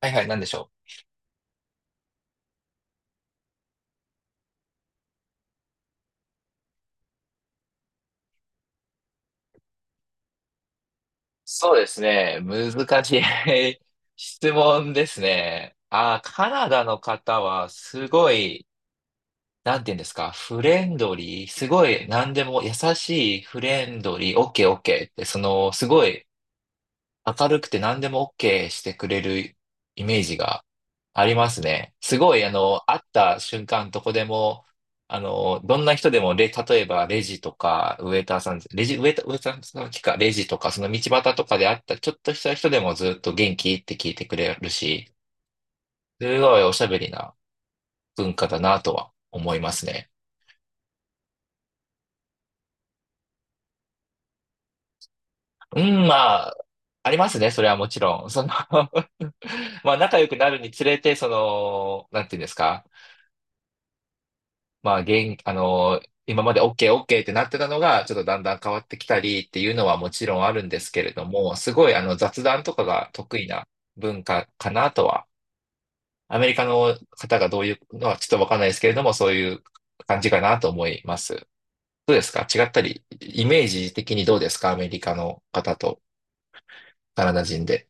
はいはい、なんでしょう？そうですね。難しい 質問ですね。ああ、カナダの方はすごい、なんて言うんですか、フレンドリー、すごい何でも優しい、フレンドリー、オッケーオッケーって、その、すごい明るくて何でも OK してくれるイメージがありますね。すごい、会った瞬間どこでも、どんな人でも、例えばレジとか、ウェイターさん、レジ、ウェイター、ウェイターさんの時か、レジとか、その道端とかで会ったちょっとした人でもずっと元気って聞いてくれるし、すごいおしゃべりな文化だなとは思いますね。うん、まあ、ありますね、それはもちろん。まあ、仲良くなるにつれて、その、なんていうんですか、まあ、今まで OK、OK ってなってたのが、ちょっとだんだん変わってきたりっていうのはもちろんあるんですけれども、すごいあの雑談とかが得意な文化かなとは、アメリカの方がどういうのはちょっとわかんないですけれども、そういう感じかなと思います。どうですか？違ったり、イメージ的にどうですか？アメリカの方とカナダ人で。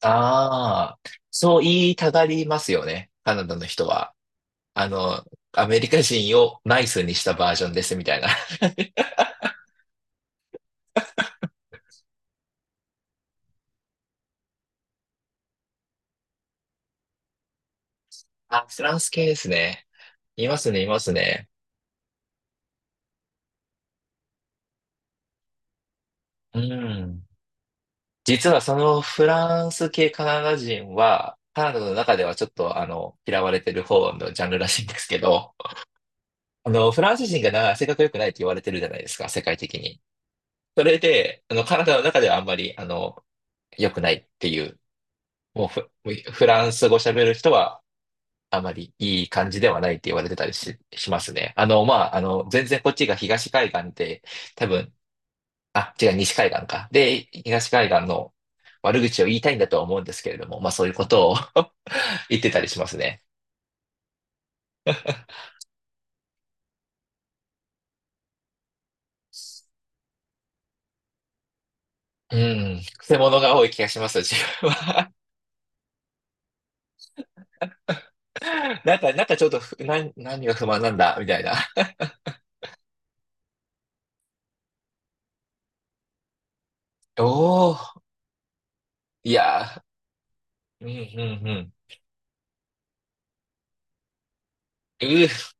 ああ、そう言いたがりますよね。カナダの人は。あの、アメリカ人をナイスにしたバージョンですみたいな。あ、フランス系ですね。いますね、いますね。うん。実はそのフランス系カナダ人は、カナダの中ではちょっと嫌われてる方のジャンルらしいんですけど、フランス人がな、性格良くないって言われてるじゃないですか、世界的に。それで、カナダの中ではあんまり、良くないっていう、もうフ、フランス語喋る人は、あまりいい感じではないって言われてたりしますね。まあ、全然こっちが東海岸で、多分あ、違う、西海岸か。で、東海岸の悪口を言いたいんだとは思うんですけれども、まあそういうことを 言ってたりしますね。うん、くせ者が多い気がします、自分は。なんかちょっと何が不満なんだ、みたいな。おお、いやー、うん、うん、うん。うー、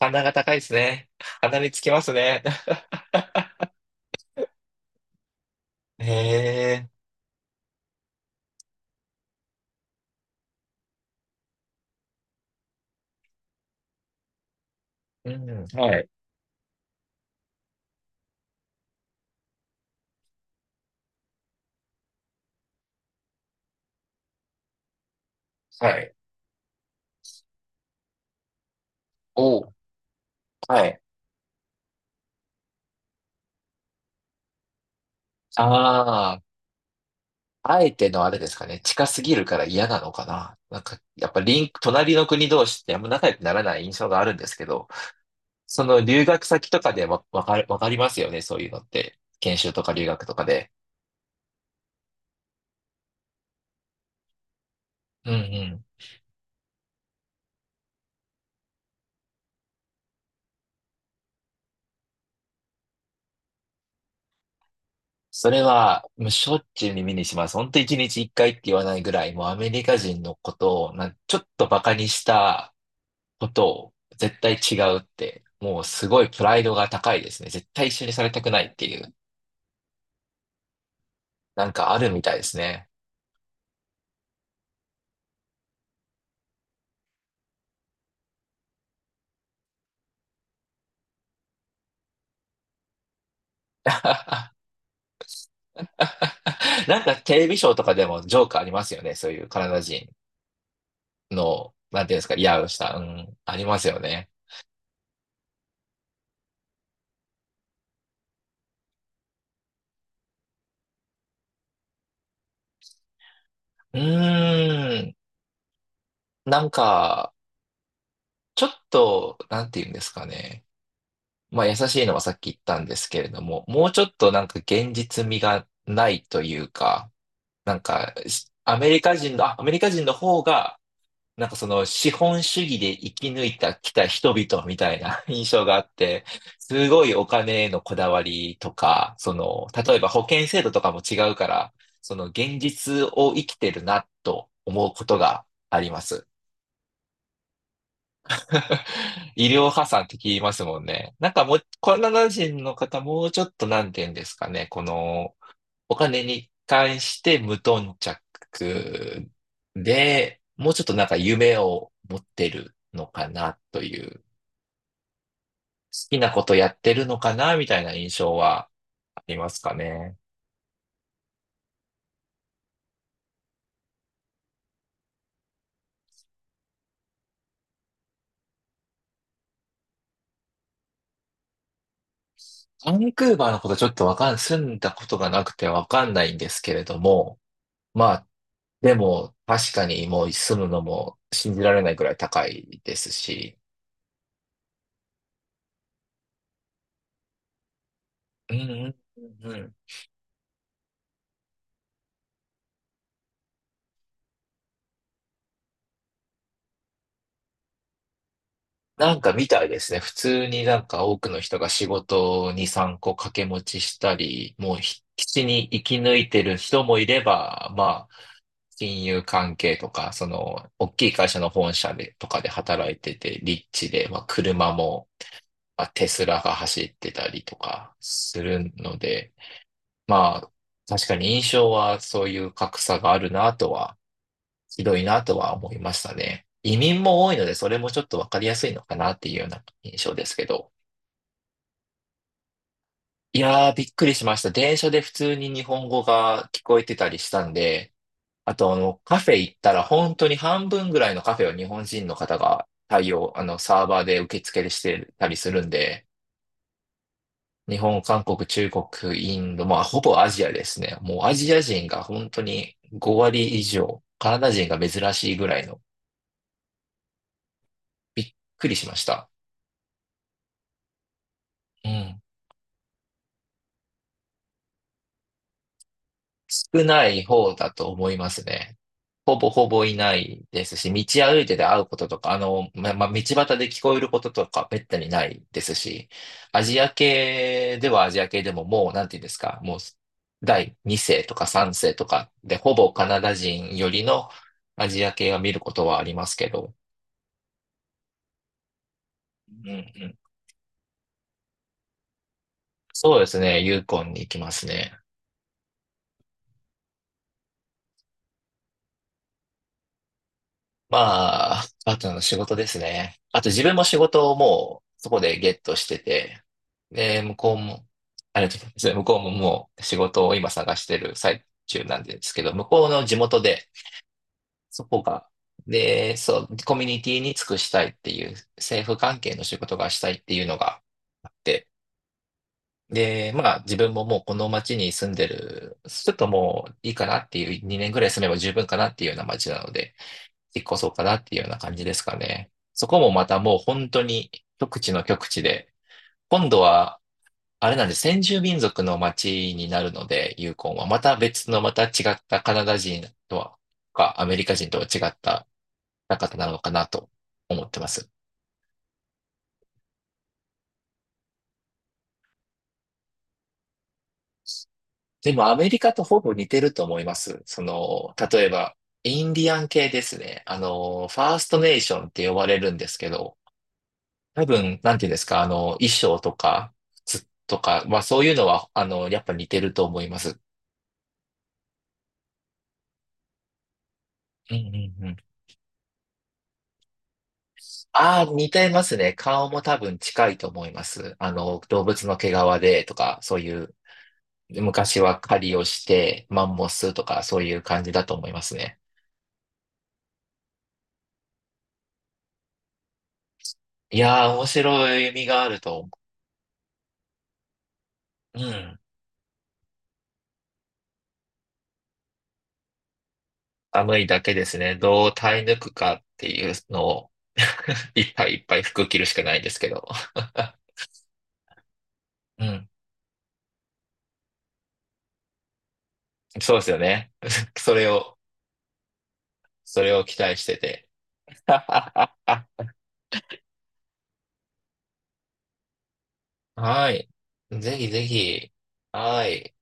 鼻が高いですね。鼻につきますね。へえ、うん、はい、はい。おー、はい。ああ。あえてのあれですかね、近すぎるから嫌なのかな。なんか、やっぱリンク、隣の国同士ってあんま仲良くならない印象があるんですけど、その留学先とかでわかりますよね、そういうのって。研修とか留学とかで。うんうん。それは、もうしょっちゅう耳にします。ほんと一日一回って言わないぐらい、もうアメリカ人のことを、なんちょっとバカにしたことを絶対違うって、もうすごいプライドが高いですね。絶対一緒にされたくないっていう、なんかあるみたいですね。なんかテレビショーとかでもジョークありますよね。そういうカナダ人の、なんていうんですか、嫌をした。うん、ありますよね。うーん。なんか、ちょっと、なんていうんですかね。まあ、優しいのはさっき言ったんですけれども、もうちょっとなんか現実味がないというか、なんか、しアメリカ人の、あアメリカ人の方が、なんかその資本主義で生き抜いたきた人々みたいな 印象があって、すごいお金へのこだわりとか、その、例えば保険制度とかも違うから、その現実を生きてるなと思うことがあります。医療破産って聞きますもんね。なんかもう、カナダ人の方もうちょっとなんて言うんですかね、このお金に関して無頓着で、もうちょっとなんか夢を持ってるのかなという、好きなことやってるのかなみたいな印象はありますかね。バンクーバーのことちょっとわかん、住んだことがなくてわかんないんですけれども、まあ、でも確かにもう住むのも信じられないくらい高いですし、うん、うん、うん、うん、なんかみたいですね。普通になんか多くの人が仕事に3個掛け持ちしたり、もうひ基地に生き抜いてる人もいれば、まあ、金融関係とか、その、大きい会社の本社で、とかで働いてて、リッチで、まあ、車も、まあ、テスラが走ってたりとかするので、まあ、確かに印象はそういう格差があるなとはひどいなとは思いましたね。移民も多いので、それもちょっとわかりやすいのかなっていうような印象ですけど。いやー、びっくりしました。電車で普通に日本語が聞こえてたりしたんで、あと、カフェ行ったら本当に半分ぐらいのカフェを日本人の方が対応、サーバーで受付してたりするんで、日本、韓国、中国、インド、まあ、ほぼアジアですね。もうアジア人が本当に5割以上、カナダ人が珍しいぐらいの、びっくりしました。うん。少ない方だと思いますね。ほぼほぼいないですし、道歩いてて会うこととか、まあ、道端で聞こえることとか、めったにないですし、アジア系ではアジア系でももう、なんていうんですか、もう、第2世とか3世とかで、ほぼカナダ人よりのアジア系は見ることはありますけど、うんうん、そうですね、ユーコンに行きますね。まあ、あとの仕事ですね。あと自分も仕事をもうそこでゲットしてて、で、向こうも、ありがとうございます。向こうももう仕事を今探してる最中なんですけど、向こうの地元で、そこが、で、そう、コミュニティに尽くしたいっていう、政府関係の仕事がしたいっていうのがあって、で、まあ自分ももうこの町に住んでる、ちょっともういいかなっていう、2年ぐらい住めば十分かなっていうような町なので、引っ越そうかなっていうような感じですかね。そこもまたもう本当に極地の極地で、今度は、あれなんで、先住民族の町になるので、ユーコンは。また別の、また違ったカナダ人とは、アメリカ人とは違った方なのかなと思ってます。でもアメリカとほぼ似てると思います。その、例えば、インディアン系ですね。ファーストネーションって呼ばれるんですけど、多分、なんていうんですか、衣装とか、靴とか、まあそういうのは、やっぱ似てると思います。うんうんうん。ああ、似てますね。顔も多分近いと思います。動物の毛皮でとか、そういう、昔は狩りをして、マンモスとか、そういう感じだと思いますね。いやー、面白い意味があると思う。うん。寒いだけですね。どう耐え抜くかっていうのを いっぱいいっぱい服着るしかないですけど。うん、そうですよね。それを、それを期待してて。はい。ぜひぜひ。はい。